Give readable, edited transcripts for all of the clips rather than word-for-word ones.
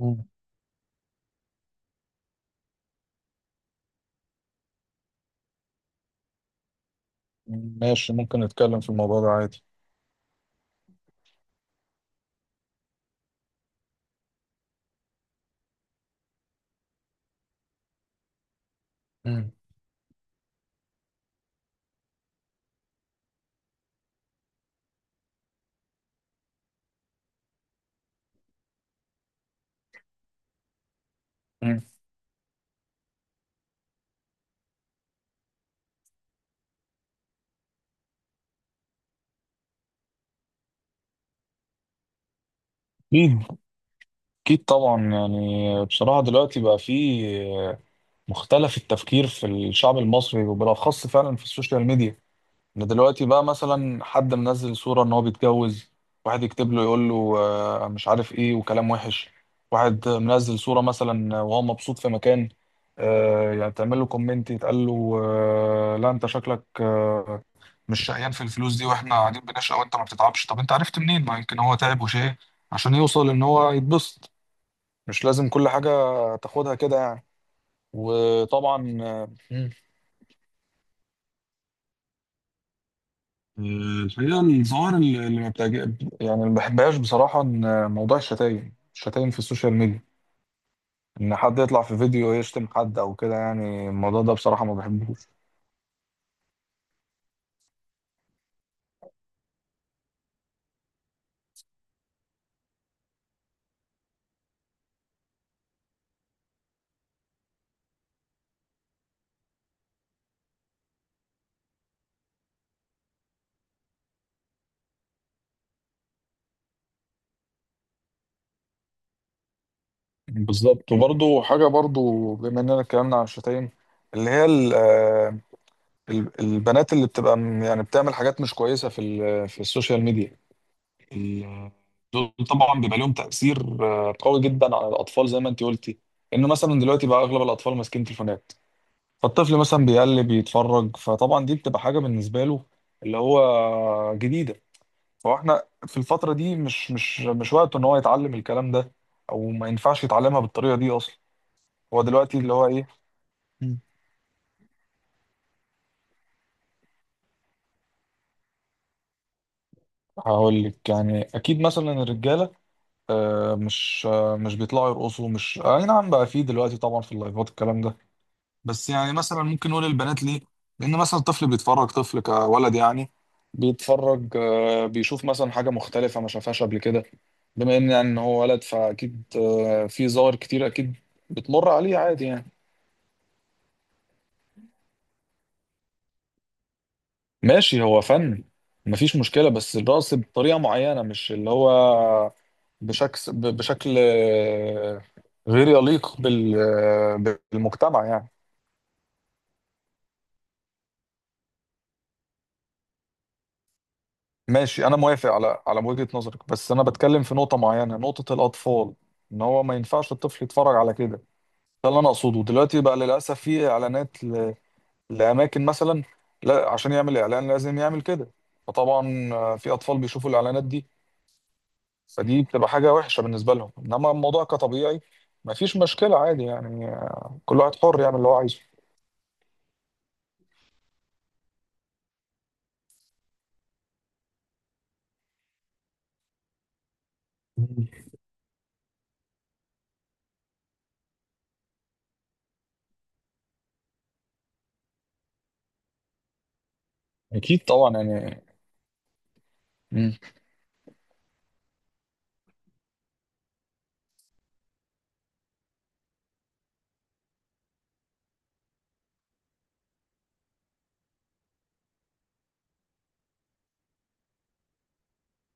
مم. ماشي ممكن نتكلم في الموضوع ده عادي. مم. مم. أكيد. أكيد طبعا. يعني بصراحة دلوقتي بقى في مختلف التفكير في الشعب المصري وبالأخص فعلا في السوشيال ميديا، إن دلوقتي بقى مثلا حد منزل صورة إن هو بيتجوز، واحد يكتب له يقول له مش عارف إيه وكلام وحش. واحد منزل صورة مثلا وهو مبسوط في مكان، يعني تعمل له كومنت يتقال له لا أنت شكلك مش شقيان في الفلوس دي واحنا قاعدين بنشقى وانت ما بتتعبش. طب انت عرفت منين؟ ما يمكن هو تعب وشقى عشان يوصل ان هو يتبسط. مش لازم كل حاجة تاخدها كده يعني. وطبعا الحقيقة الظاهر اللي ما بتعجب يعني اللي ما بحبهاش بصراحة، إن موضوع الشتايم في السوشيال ميديا، إن حد يطلع في فيديو يشتم حد أو كده، يعني الموضوع ده بصراحة ما بحبوش. بالظبط. وبرضه حاجة برضه، بما إننا اتكلمنا عن الشتايم، اللي هي البنات اللي بتبقى يعني بتعمل حاجات مش كويسة في في السوشيال ميديا، ال- دول طبعا بيبقى لهم تأثير قوي جدا على الأطفال زي ما أنت قلتي، إنه مثلا دلوقتي بقى أغلب الأطفال ماسكين تليفونات، فالطفل مثلا بيقلب يتفرج، فطبعا دي بتبقى حاجة بالنسبة له اللي هو جديدة. فاحنا في الفترة دي مش وقته إن هو يتعلم الكلام ده، أو ما ينفعش يتعلمها بالطريقة دي أصلا. هو دلوقتي اللي هو إيه، هقول لك. يعني أكيد مثلا الرجالة مش مش بيطلعوا يرقصوا، مش اي نعم بقى فيه دلوقتي طبعا في اللايفات الكلام ده، بس يعني مثلا ممكن نقول البنات ليه، لان مثلا الطفل بيتفرج، طفل كولد يعني، بيتفرج بيشوف مثلا حاجه مختلفه ما شافهاش قبل كده، بما ان يعني إن هو ولد، فاكيد في ظواهر كتير اكيد بتمر عليه عادي يعني. ماشي هو فن، مفيش مشكله، بس الرقص بطريقه معينه مش اللي هو بشكل غير يليق بالمجتمع يعني. ماشي انا موافق على على وجهة نظرك، بس انا بتكلم في نقطة معينة، نقطة الاطفال، ان هو ما ينفعش الطفل يتفرج على كده. ده اللي انا اقصده. دلوقتي بقى للاسف في اعلانات لاماكن مثلا، لا عشان يعمل اعلان لازم يعمل كده، فطبعا في اطفال بيشوفوا الاعلانات دي، فدي بتبقى حاجة وحشة بالنسبة لهم. انما الموضوع كطبيعي ما فيش مشكلة عادي يعني، كل واحد حر يعمل اللي هو عايزه. مم. أكيد طبعا يعني. مم.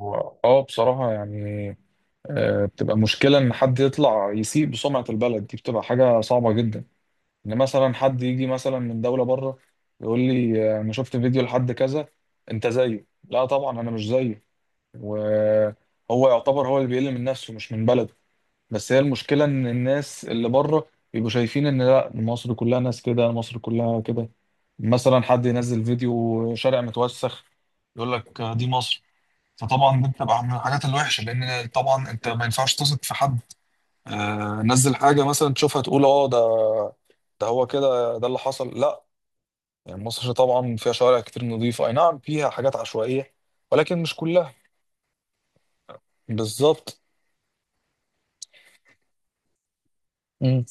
اه بصراحة يعني بتبقى مشكلة إن حد يطلع يسيء بسمعة البلد، دي بتبقى حاجة صعبة جدا، إن مثلا حد يجي مثلا من دولة بره يقول لي أنا شفت فيديو لحد كذا، أنت زيه. لا طبعا أنا مش زيه. وهو يعتبر هو اللي بيقل من نفسه مش من بلده، بس هي المشكلة إن الناس اللي بره بيبقوا شايفين إن لا، مصر كلها ناس كده، مصر كلها كده. مثلا حد ينزل فيديو شارع متوسخ يقول لك دي مصر، فطبعا دي بتبقى من الحاجات الوحشة، لأن طبعا أنت ما ينفعش تثق في حد نزل حاجة مثلا تشوفها تقول اه، ده ده هو كده، ده اللي حصل. لا، يعني مصر طبعا فيها شوارع كتير نظيفة، اي نعم فيها حاجات عشوائية، ولكن مش كلها. بالظبط. مم.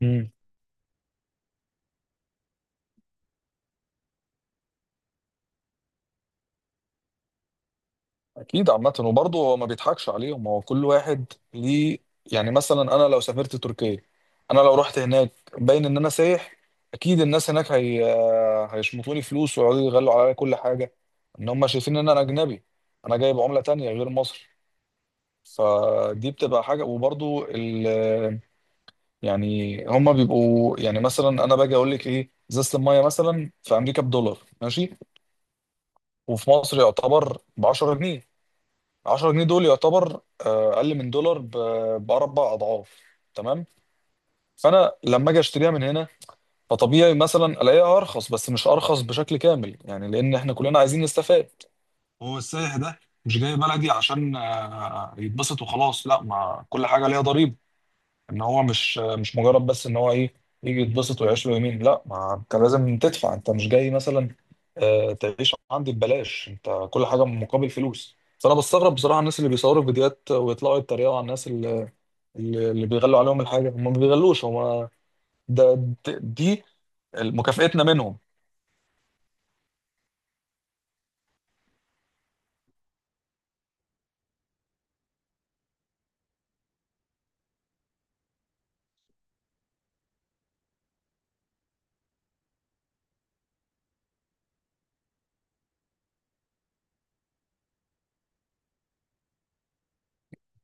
مم. اكيد. عامة وبرضه هو ما بيضحكش عليهم، هو كل واحد ليه. يعني مثلا انا لو سافرت تركيا، انا لو رحت هناك، باين ان انا سايح، اكيد الناس هناك هي هيشمطوني فلوس ويقعدوا يغلوا عليا كل حاجة، ان هم شايفين ان انا اجنبي، انا جايب عملة تانية غير مصر، فدي بتبقى حاجه. وبرضو ال يعني هما بيبقوا يعني. مثلا انا باجي اقول لك ايه، ازازه الميه مثلا في امريكا بدولار ماشي، وفي مصر يعتبر ب 10 جنيه، 10 جنيه دول يعتبر اقل من دولار باربع اضعاف، تمام؟ فانا لما اجي اشتريها من هنا فطبيعي مثلا الاقيها ارخص، بس مش ارخص بشكل كامل، يعني لان احنا كلنا عايزين نستفاد. هو السائح ده مش جاي بلدي عشان يتبسط وخلاص، لا ما كل حاجه ليها ضريبه. ان هو مش مجرد بس ان هو ايه، يجي يتبسط ويعيش له يومين، لا ما انت لازم تدفع، انت مش جاي مثلا تعيش عندي ببلاش، انت كل حاجه مقابل فلوس. فانا بستغرب بصراحه الناس اللي بيصوروا فيديوهات ويطلعوا يتريقوا على الناس اللي, اللي بيغلوا عليهم الحاجه، هم ما بيغلوش هم ده دي مكافئتنا منهم.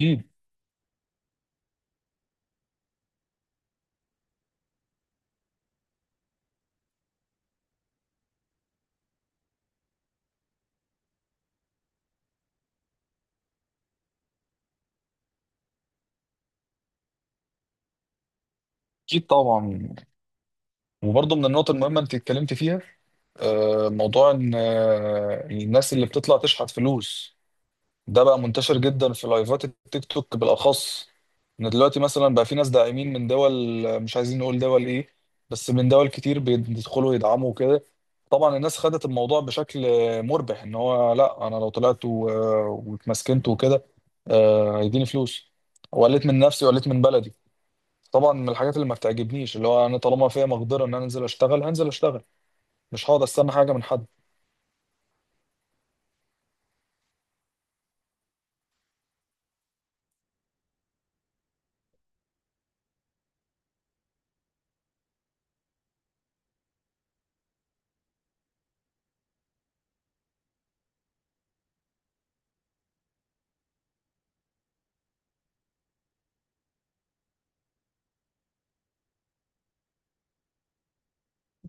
اكيد. اكيد طبعا. وبرضه من النقط المهمه انت اتكلمت فيها موضوع ان الناس اللي بتطلع تشحت فلوس، ده بقى منتشر جدا في لايفات التيك توك بالاخص. ان دلوقتي مثلا بقى في ناس داعمين من دول، مش عايزين نقول دول ايه، بس من دول كتير بيدخلوا يدعموا كده. طبعا الناس خدت الموضوع بشكل مربح، ان هو لا انا لو طلعت واتمسكنت وكده هيديني فلوس، وقلت من نفسي وقلت من بلدي. طبعا من الحاجات اللي ما بتعجبنيش اللي هو انا طالما فيها مقدره ان انا انزل اشتغل، هنزل اشتغل، مش هقعد استنى حاجه من حد.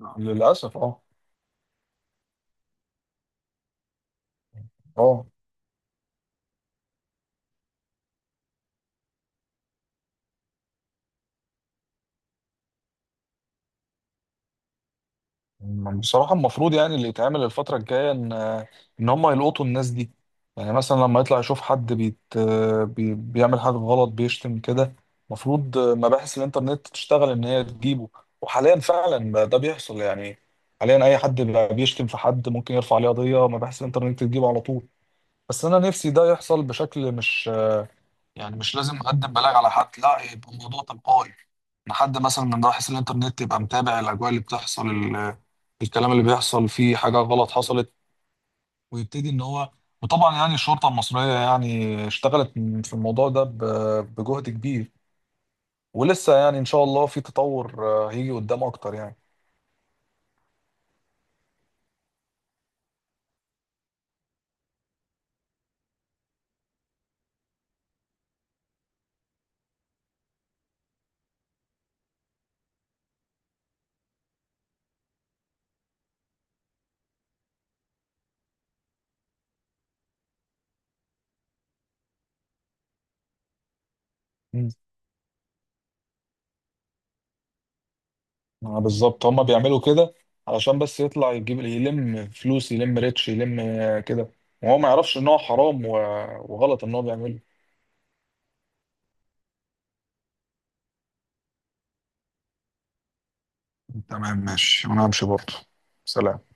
آه، للاسف اه. اه بصراحة المفروض يعني اللي يتعمل الفترة الجاية إن إن هم يلقطوا الناس دي. يعني مثلا لما يطلع يشوف حد بيت بي بيعمل حاجة غلط بيشتم كده، المفروض مباحث الإنترنت تشتغل إن هي تجيبه. وحاليا فعلا بقى ده بيحصل يعني. حاليا أي حد بقى بيشتم في حد ممكن يرفع عليه قضية، مباحث الإنترنت تجيبه على طول. بس أنا نفسي ده يحصل بشكل مش يعني مش لازم أقدم بلاغ على حد، لا يبقى الموضوع تلقائي. لحد مثلا من راح الانترنت يبقى متابع الاجواء اللي بتحصل، الكلام اللي بيحصل، فيه حاجه غلط حصلت ويبتدي ان هو. وطبعا يعني الشرطه المصريه يعني اشتغلت في الموضوع ده بجهد كبير، ولسه يعني ان شاء الله في تطور هيجي قدام اكتر يعني. مم. بالظبط هما بيعملوا كده علشان بس يطلع يجيب يلم فلوس، يلم ريتش، يلم كده، وهو ما يعرفش ان هو حرام وغلط ان هو بيعمله. تمام ماشي، وانا همشي برضه. سلام.